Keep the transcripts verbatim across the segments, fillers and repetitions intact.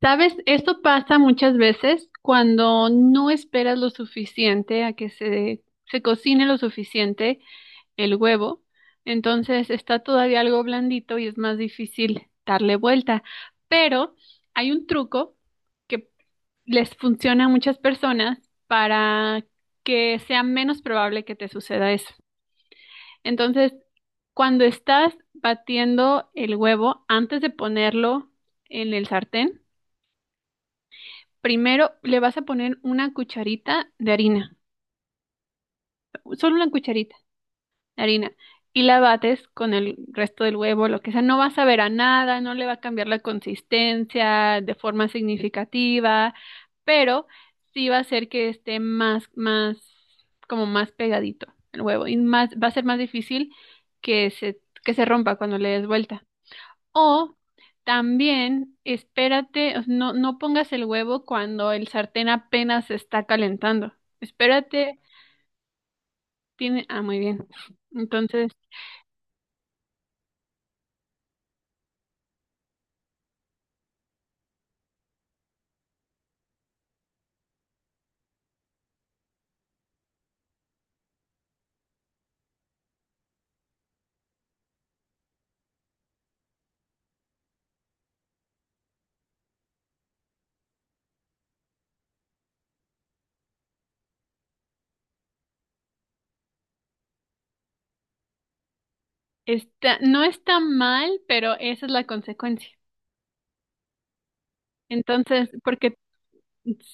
Sabes, esto pasa muchas veces cuando no esperas lo suficiente a que se, se cocine lo suficiente el huevo. Entonces está todavía algo blandito y es más difícil darle vuelta. Pero hay un truco que les funciona a muchas personas para que sea menos probable que te suceda eso. Entonces, cuando estás batiendo el huevo antes de ponerlo en el sartén, primero le vas a poner una cucharita de harina, solo una cucharita de harina, y la bates con el resto del huevo, lo que sea. No va a saber a nada, no le va a cambiar la consistencia de forma significativa, pero sí va a hacer que esté más, más, como más pegadito el huevo y más, va a ser más difícil que se, que se rompa cuando le des vuelta. O también espérate, o sea, no, no pongas el huevo cuando el sartén apenas se está calentando. Espérate, tiene... Ah, muy bien. Entonces, está, no está mal, pero esa es la consecuencia. Entonces, porque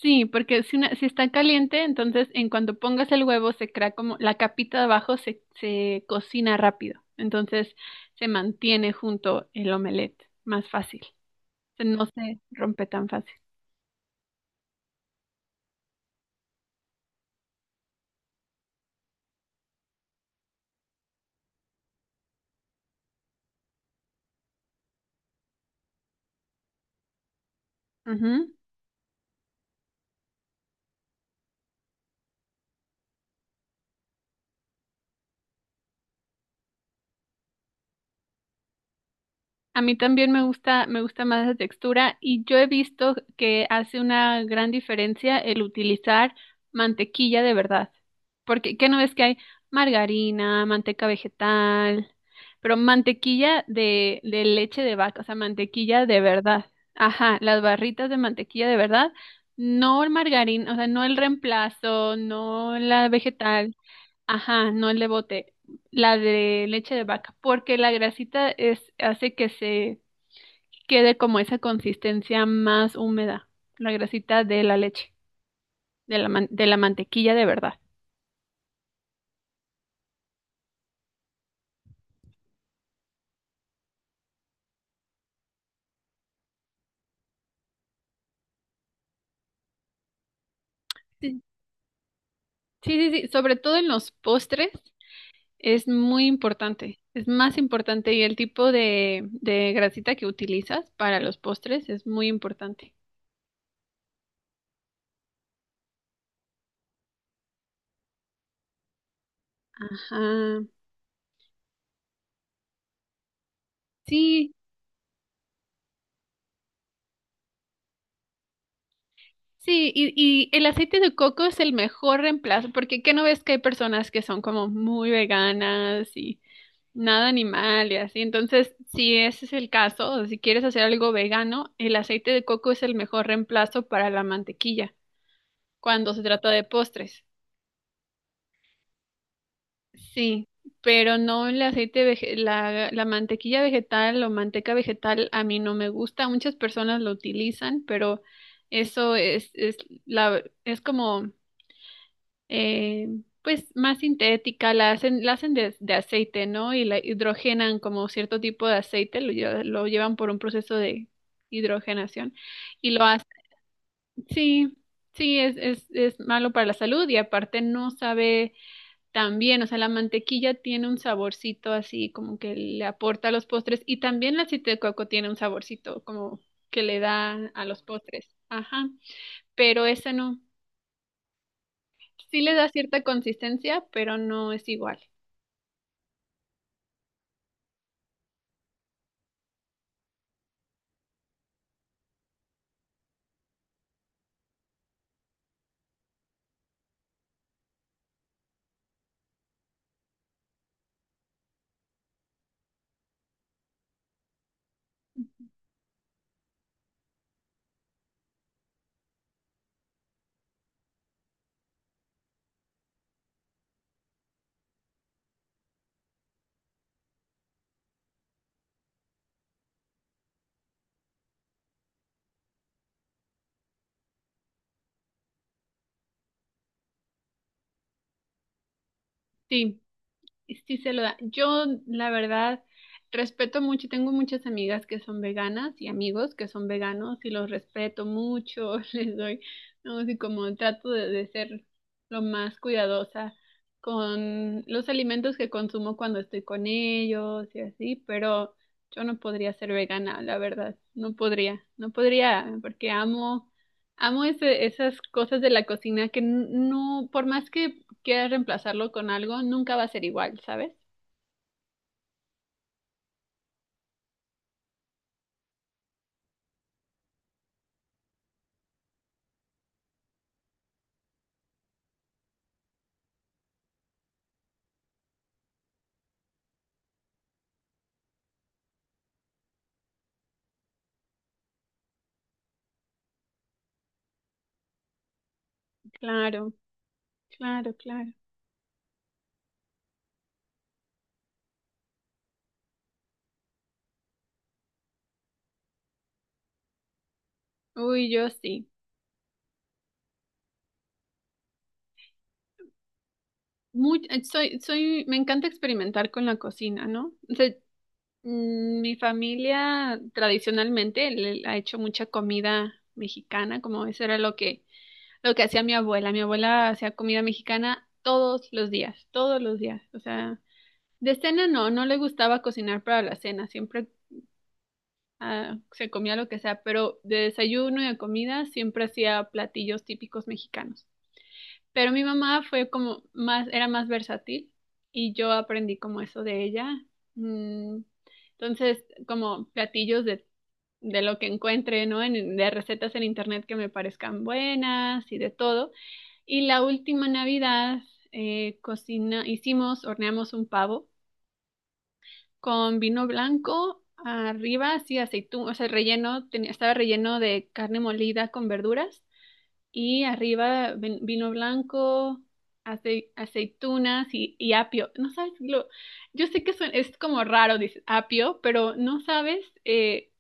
sí, porque si, una- si está caliente, entonces en cuanto pongas el huevo se crea como la capita de abajo se, se cocina rápido. Entonces, se mantiene junto el omelette más fácil. O sea, no se rompe tan fácil. A mí también me gusta, me gusta más la textura y yo he visto que hace una gran diferencia el utilizar mantequilla de verdad. Porque, ¿qué no ves que hay margarina, manteca vegetal, pero mantequilla de, de leche de vaca, o sea, mantequilla de verdad. Ajá, las barritas de mantequilla de verdad, no el margarina, o sea, no el reemplazo, no la vegetal. Ajá, no el de bote, la de leche de vaca, porque la grasita es, hace que se quede como esa consistencia más húmeda, la grasita de la leche, de la, man- de la mantequilla de verdad. Sí, sí, sí, sí, sobre todo en los postres es muy importante, es más importante y el tipo de, de grasita que utilizas para los postres es muy importante. Ajá, sí, sí, y, y el aceite de coco es el mejor reemplazo, porque ¿qué no ves que hay personas que son como muy veganas y nada animal y así? Entonces, si ese es el caso, o si quieres hacer algo vegano, el aceite de coco es el mejor reemplazo para la mantequilla cuando se trata de postres. Sí, pero no el aceite, vege- la, la mantequilla vegetal o manteca vegetal a mí no me gusta. Muchas personas lo utilizan, pero eso es, es, la, es como eh, pues más sintética, la hacen, la hacen de, de aceite, ¿no? Y la hidrogenan como cierto tipo de aceite, lo, lle- lo llevan por un proceso de hidrogenación y lo hacen. Sí, sí, es, es, es malo para la salud y aparte no sabe tan bien, o sea, la mantequilla tiene un saborcito así como que le aporta a los postres y también el aceite de coco tiene un saborcito como que le da a los postres. Ajá, pero esa no. Sí le da cierta consistencia, pero no es igual. Sí, sí se lo da. Yo, la verdad, respeto mucho, tengo muchas amigas que son veganas y amigos que son veganos y los respeto mucho, les doy, no sé, como trato de, de ser lo más cuidadosa con los alimentos que consumo cuando estoy con ellos y así, pero yo no podría ser vegana, la verdad, no podría, no podría, porque amo, amo ese- esas cosas de la cocina que n- no, por más que quieras reemplazarlo con algo, nunca va a ser igual, ¿sabes? Claro, claro, claro. Uy, yo sí. Muy, eh, soy, soy, me encanta experimentar con la cocina, ¿no? O sea, mm, mi familia tradicionalmente le ha hecho mucha comida mexicana, como eso era lo que, lo que hacía mi abuela. Mi abuela hacía comida mexicana todos los días, todos los días. O sea, de cena no, no le gustaba cocinar para la cena, siempre ah, se comía lo que sea, pero de desayuno y de comida siempre hacía platillos típicos mexicanos. Pero mi mamá fue como más, era más versátil y yo aprendí como eso de ella. Mm, Entonces, como platillos de, de lo que encuentre, ¿no? En- de recetas en internet que me parezcan buenas y de todo. Y la última Navidad eh, cocina, hicimos, horneamos un pavo con vino blanco, arriba así aceitún, o sea, relleno, tenía, estaba relleno de carne molida con verduras y arriba ven- vino blanco, acei- aceitunas y, y apio. No sabes, lo, yo sé que suen- es como raro, dices apio, pero no sabes eh,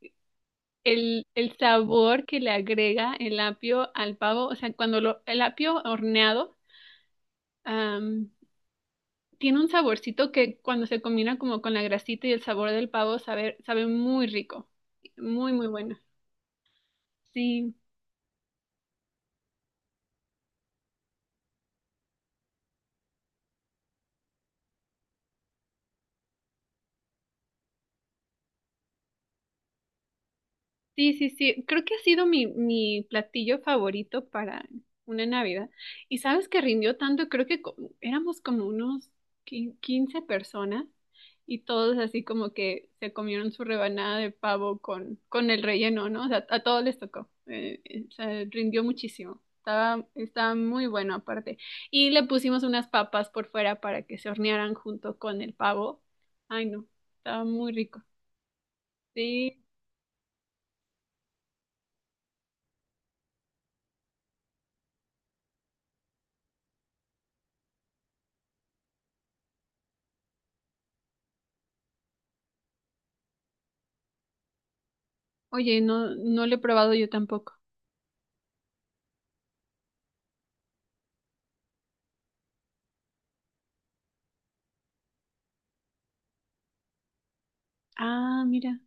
el, el sabor que le agrega el apio al pavo, o sea, cuando lo, el apio horneado tiene un saborcito que cuando se combina como con la grasita y el sabor del pavo sabe, sabe muy rico, muy, muy bueno. Sí. Sí, sí, sí. Creo que ha sido mi, mi platillo favorito para una Navidad. Y sabes que rindió tanto, creo que co- éramos como unos qui- quince personas y todos así como que se comieron su rebanada de pavo con, con el relleno, ¿no? O sea, a todos les tocó. Eh, eh, o sea, rindió muchísimo. Estaba, estaba muy bueno aparte. Y le pusimos unas papas por fuera para que se hornearan junto con el pavo. Ay, no, estaba muy rico. Sí. Oye, no, no lo he probado yo tampoco. Ah, mira.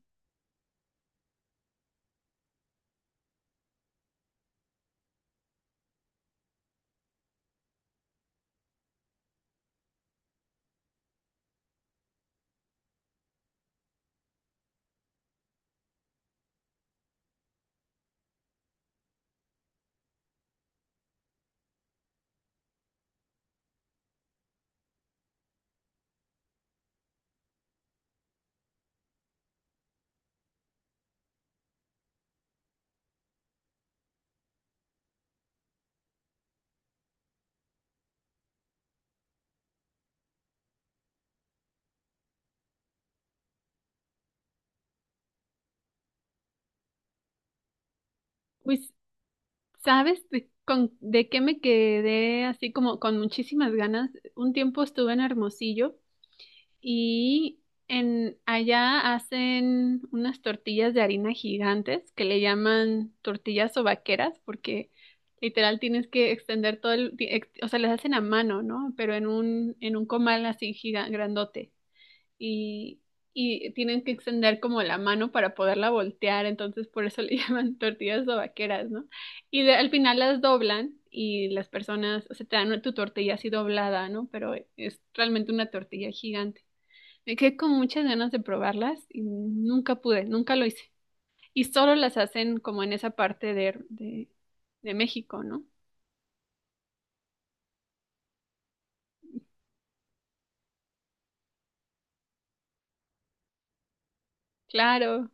Pues, ¿sabes de, con, de qué me quedé así como con muchísimas ganas? Un tiempo estuve en Hermosillo y en allá hacen unas tortillas de harina gigantes que le llaman tortillas o vaqueras porque literal tienes que extender todo el, ti- ex- o sea, las hacen a mano, ¿no? Pero en un, en un comal así giga- grandote. Y, y tienen que extender como la mano para poderla voltear, entonces por eso le llaman tortillas vaqueras, ¿no? Y de- al final las doblan y las personas, o sea, te dan tu tortilla así doblada, ¿no? Pero es realmente una tortilla gigante. Me quedé con muchas ganas de probarlas y nunca pude, nunca lo hice. Y solo las hacen como en esa parte de, de, de México, ¿no? Claro.